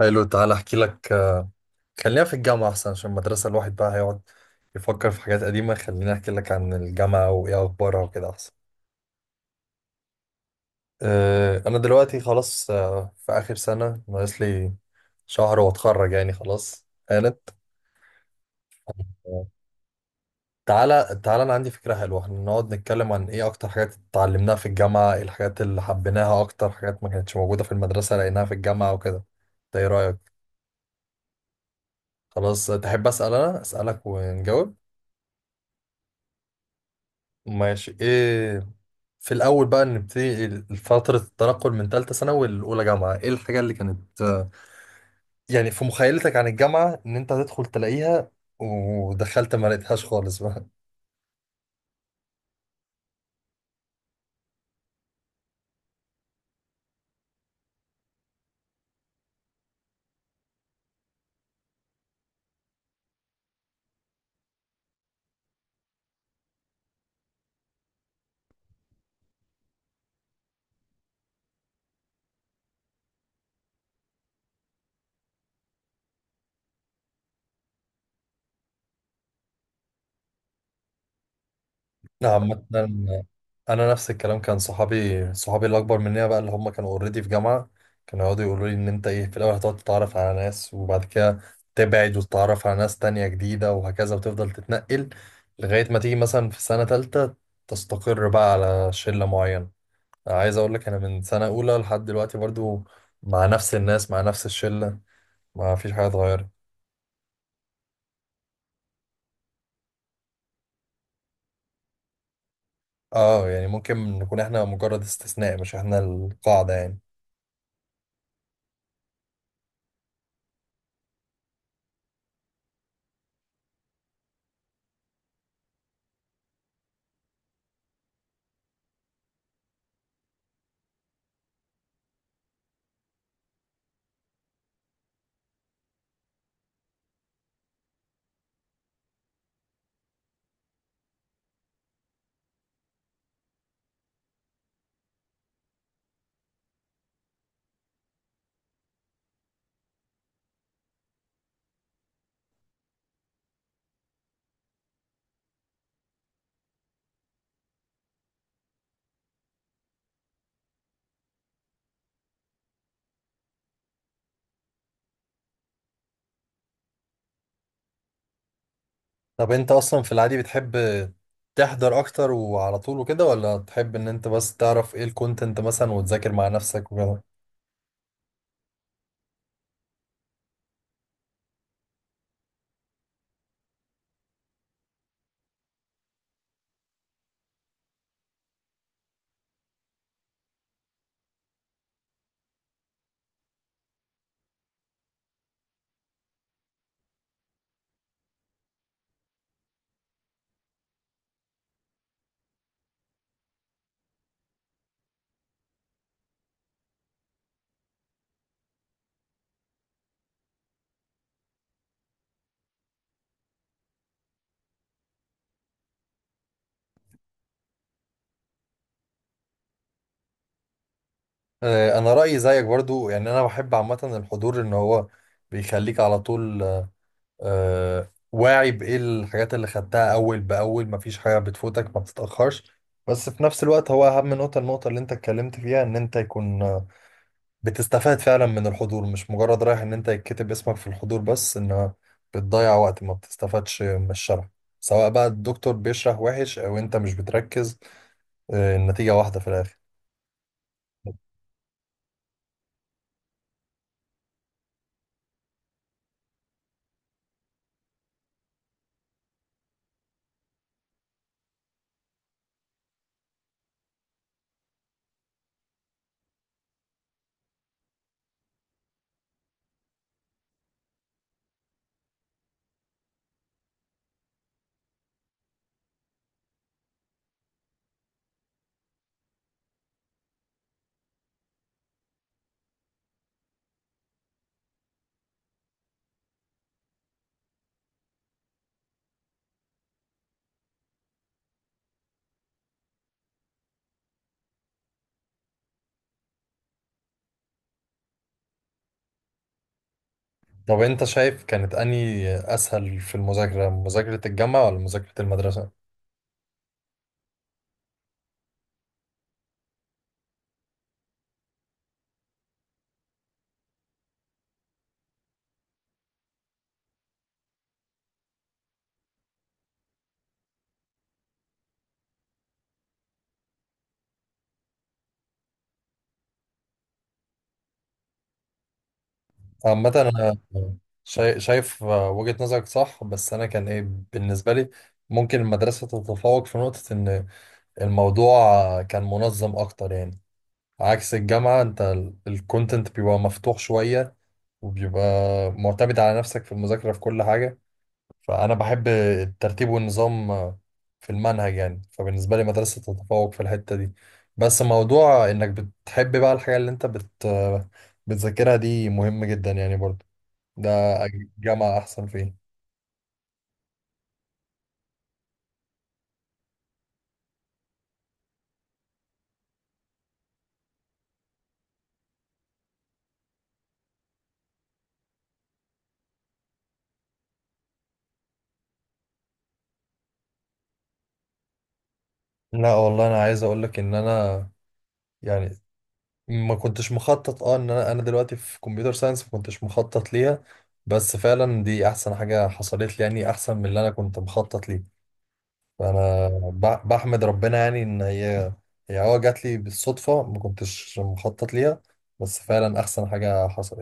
حلو، تعالى احكي لك. خلينا في الجامعة احسن، عشان المدرسة الواحد بقى هيقعد يفكر في حاجات قديمة. خليني احكي لك عن الجامعة وايه اخبارها وكده احسن. انا دلوقتي خلاص، في اخر سنة، ناقص لي شهر واتخرج يعني، خلاص قالت. أه، تعالى انا عندي فكرة حلوة، احنا نقعد نتكلم عن ايه اكتر حاجات اتعلمناها في الجامعة، ايه الحاجات اللي حبيناها، اكتر حاجات ما كانتش موجودة في المدرسة لقيناها في الجامعة وكده. ده ايه رأيك؟ خلاص، تحب اسأل انا اسألك ونجاوب. ماشي. ايه في الأول بقى نبتدي؟ فترة التنقل من تالتة ثانوي لأولى جامعة، إيه الحاجة اللي كانت، يعني في مخيلتك عن الجامعة، إن أنت هتدخل تلاقيها، ودخلت ما لقيتهاش خالص بقى؟ نعم، مثلا أنا نفس الكلام. كان صحابي الأكبر مني بقى، اللي هم كانوا أوريدي في جامعة، كانوا يقعدوا يقولوا لي إن أنت إيه، في الأول هتقعد تتعرف على ناس، وبعد كده تبعد وتتعرف على ناس تانية جديدة، وهكذا، وتفضل تتنقل لغاية ما تيجي مثلا في سنة تالتة تستقر بقى على شلة معينة. عايز اقول لك انا من سنه اولى لحد دلوقتي برضو مع نفس الناس، مع نفس الشله، ما فيش حاجه اتغيرت. اه، يعني ممكن نكون احنا مجرد استثناء، مش احنا القاعده يعني. طب انت اصلا في العادي بتحب تحضر اكتر وعلى طول وكده، ولا تحب ان انت بس تعرف ايه الكونتنت مثلا وتذاكر مع نفسك وكده؟ آه، انا رايي زيك برضو، يعني انا بحب عامه الحضور، ان هو بيخليك على طول واعي بايه الحاجات اللي خدتها اول باول، مفيش حاجه بتفوتك، ما بتتاخرش. بس في نفس الوقت هو اهم نقطه، النقطه اللي انت اتكلمت فيها، ان انت يكون بتستفاد فعلا من الحضور، مش مجرد رايح ان انت يتكتب اسمك في الحضور بس، ان بتضيع وقت ما بتستفادش من الشرح. سواء بقى الدكتور بيشرح وحش او انت مش بتركز، النتيجه واحده في الاخر. طب انت شايف كانت اني اسهل في المذاكره، مذاكره الجامعه ولا مذاكره المدرسه؟ عامة أنا شايف وجهة نظرك صح، بس أنا كان إيه بالنسبة لي، ممكن المدرسة تتفوق في نقطة إن الموضوع كان منظم أكتر يعني. عكس الجامعة، أنت الكونتنت بيبقى مفتوح شوية، وبيبقى معتمد على نفسك في المذاكرة في كل حاجة. فأنا بحب الترتيب والنظام في المنهج يعني، فبالنسبة لي مدرسة تتفوق في الحتة دي. بس موضوع إنك بتحب بقى الحاجة اللي أنت بتذاكرها دي مهم جدا يعني برضه. ده أجيب جامعة أحسن فيه. لا والله، أنا عايز أقول لك إن أنا يعني ما كنتش مخطط، أه إن أنا دلوقتي في كمبيوتر ساينس، ما كنتش مخطط ليها. بس فعلا دي أحسن حاجة حصلت لي يعني، أحسن من اللي أنا كنت مخطط ليه. فأنا بحمد ربنا يعني إن هي أه جات لي بالصدفة، ما كنتش مخطط ليها، بس فعلا أحسن حاجة حصلت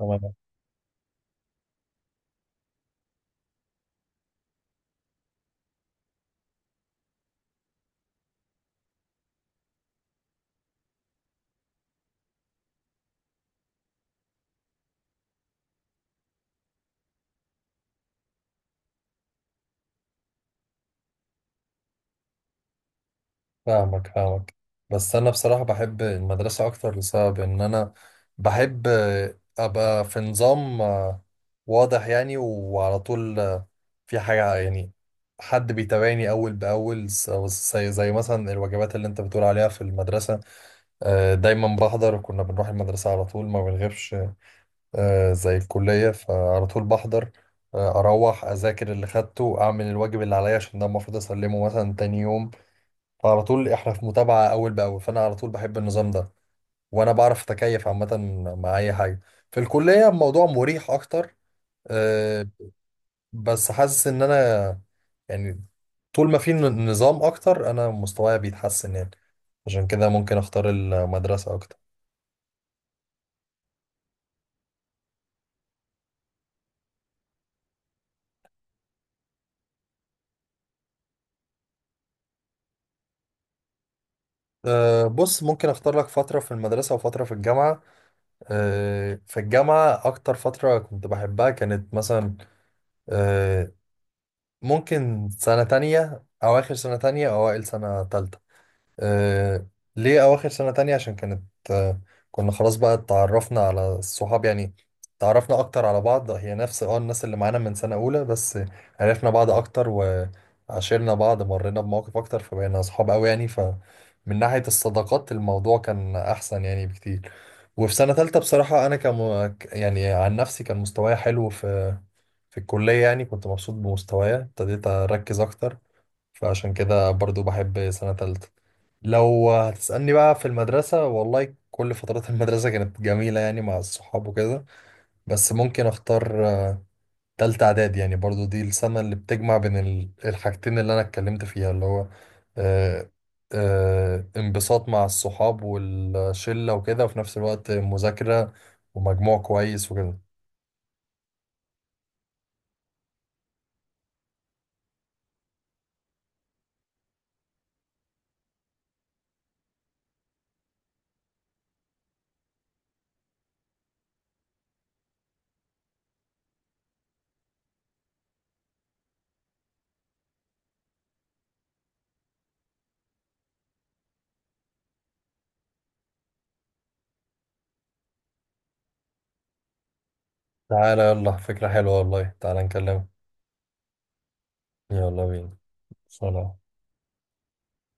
يعني. فاهمك. بس انا بصراحة بحب المدرسة اكتر، لسبب ان انا بحب ابقى في نظام واضح يعني، وعلى طول في حاجة يعني، حد بيتابعني اول باول. زي مثلا الوجبات اللي انت بتقول عليها في المدرسة، دايما بحضر، وكنا بنروح المدرسة على طول ما بنغيبش. زي الكلية، فعلى طول بحضر، اروح اذاكر اللي خدته، اعمل الواجب اللي عليا عشان ده المفروض اسلمه مثلا تاني يوم. فعلى طول احنا في متابعة أول بأول، فأنا على طول بحب النظام ده، وأنا بعرف أتكيف عامة مع أي حاجة. في الكلية الموضوع مريح أكتر، أه. بس حاسس إن أنا يعني طول ما في نظام أكتر أنا مستواي بيتحسن يعني، عشان كده ممكن أختار المدرسة أكتر. أه بص، ممكن أختار لك فترة في المدرسة وفترة في الجامعة. أه، في الجامعة أكتر فترة كنت بحبها كانت مثلا، أه، ممكن سنة تانية، أواخر سنة تانية أو أوائل سنة تالتة. آه، ليه أواخر سنة تانية؟ عشان كانت، آه، كنا خلاص بقى اتعرفنا على الصحاب يعني، تعرفنا أكتر على بعض، هي نفس اه الناس اللي معانا من سنة أولى، بس عرفنا بعض أكتر وعاشرنا بعض، مرينا بمواقف أكتر، فبقينا أصحاب أوي يعني. فمن ناحية الصداقات الموضوع كان أحسن يعني بكتير. وفي سنة تالتة بصراحة أنا كم يعني عن نفسي كان مستواي حلو في في الكلية يعني، كنت مبسوط بمستواي، ابتديت أركز أكتر، فعشان كده برضو بحب سنة تالتة. لو هتسألني بقى في المدرسة، والله كل فترات المدرسة كانت جميلة يعني، مع الصحاب وكده. بس ممكن اختار تالتة اعداد، يعني برضو دي السنة اللي بتجمع بين الحاجتين اللي انا اتكلمت فيها، اللي هو آه، انبساط مع الصحاب والشلة وكده، وفي نفس الوقت مذاكرة ومجموع كويس وكده. تعالى يلا، فكرة حلوة والله، تعالى نكلمه. يلا بينا. سلام.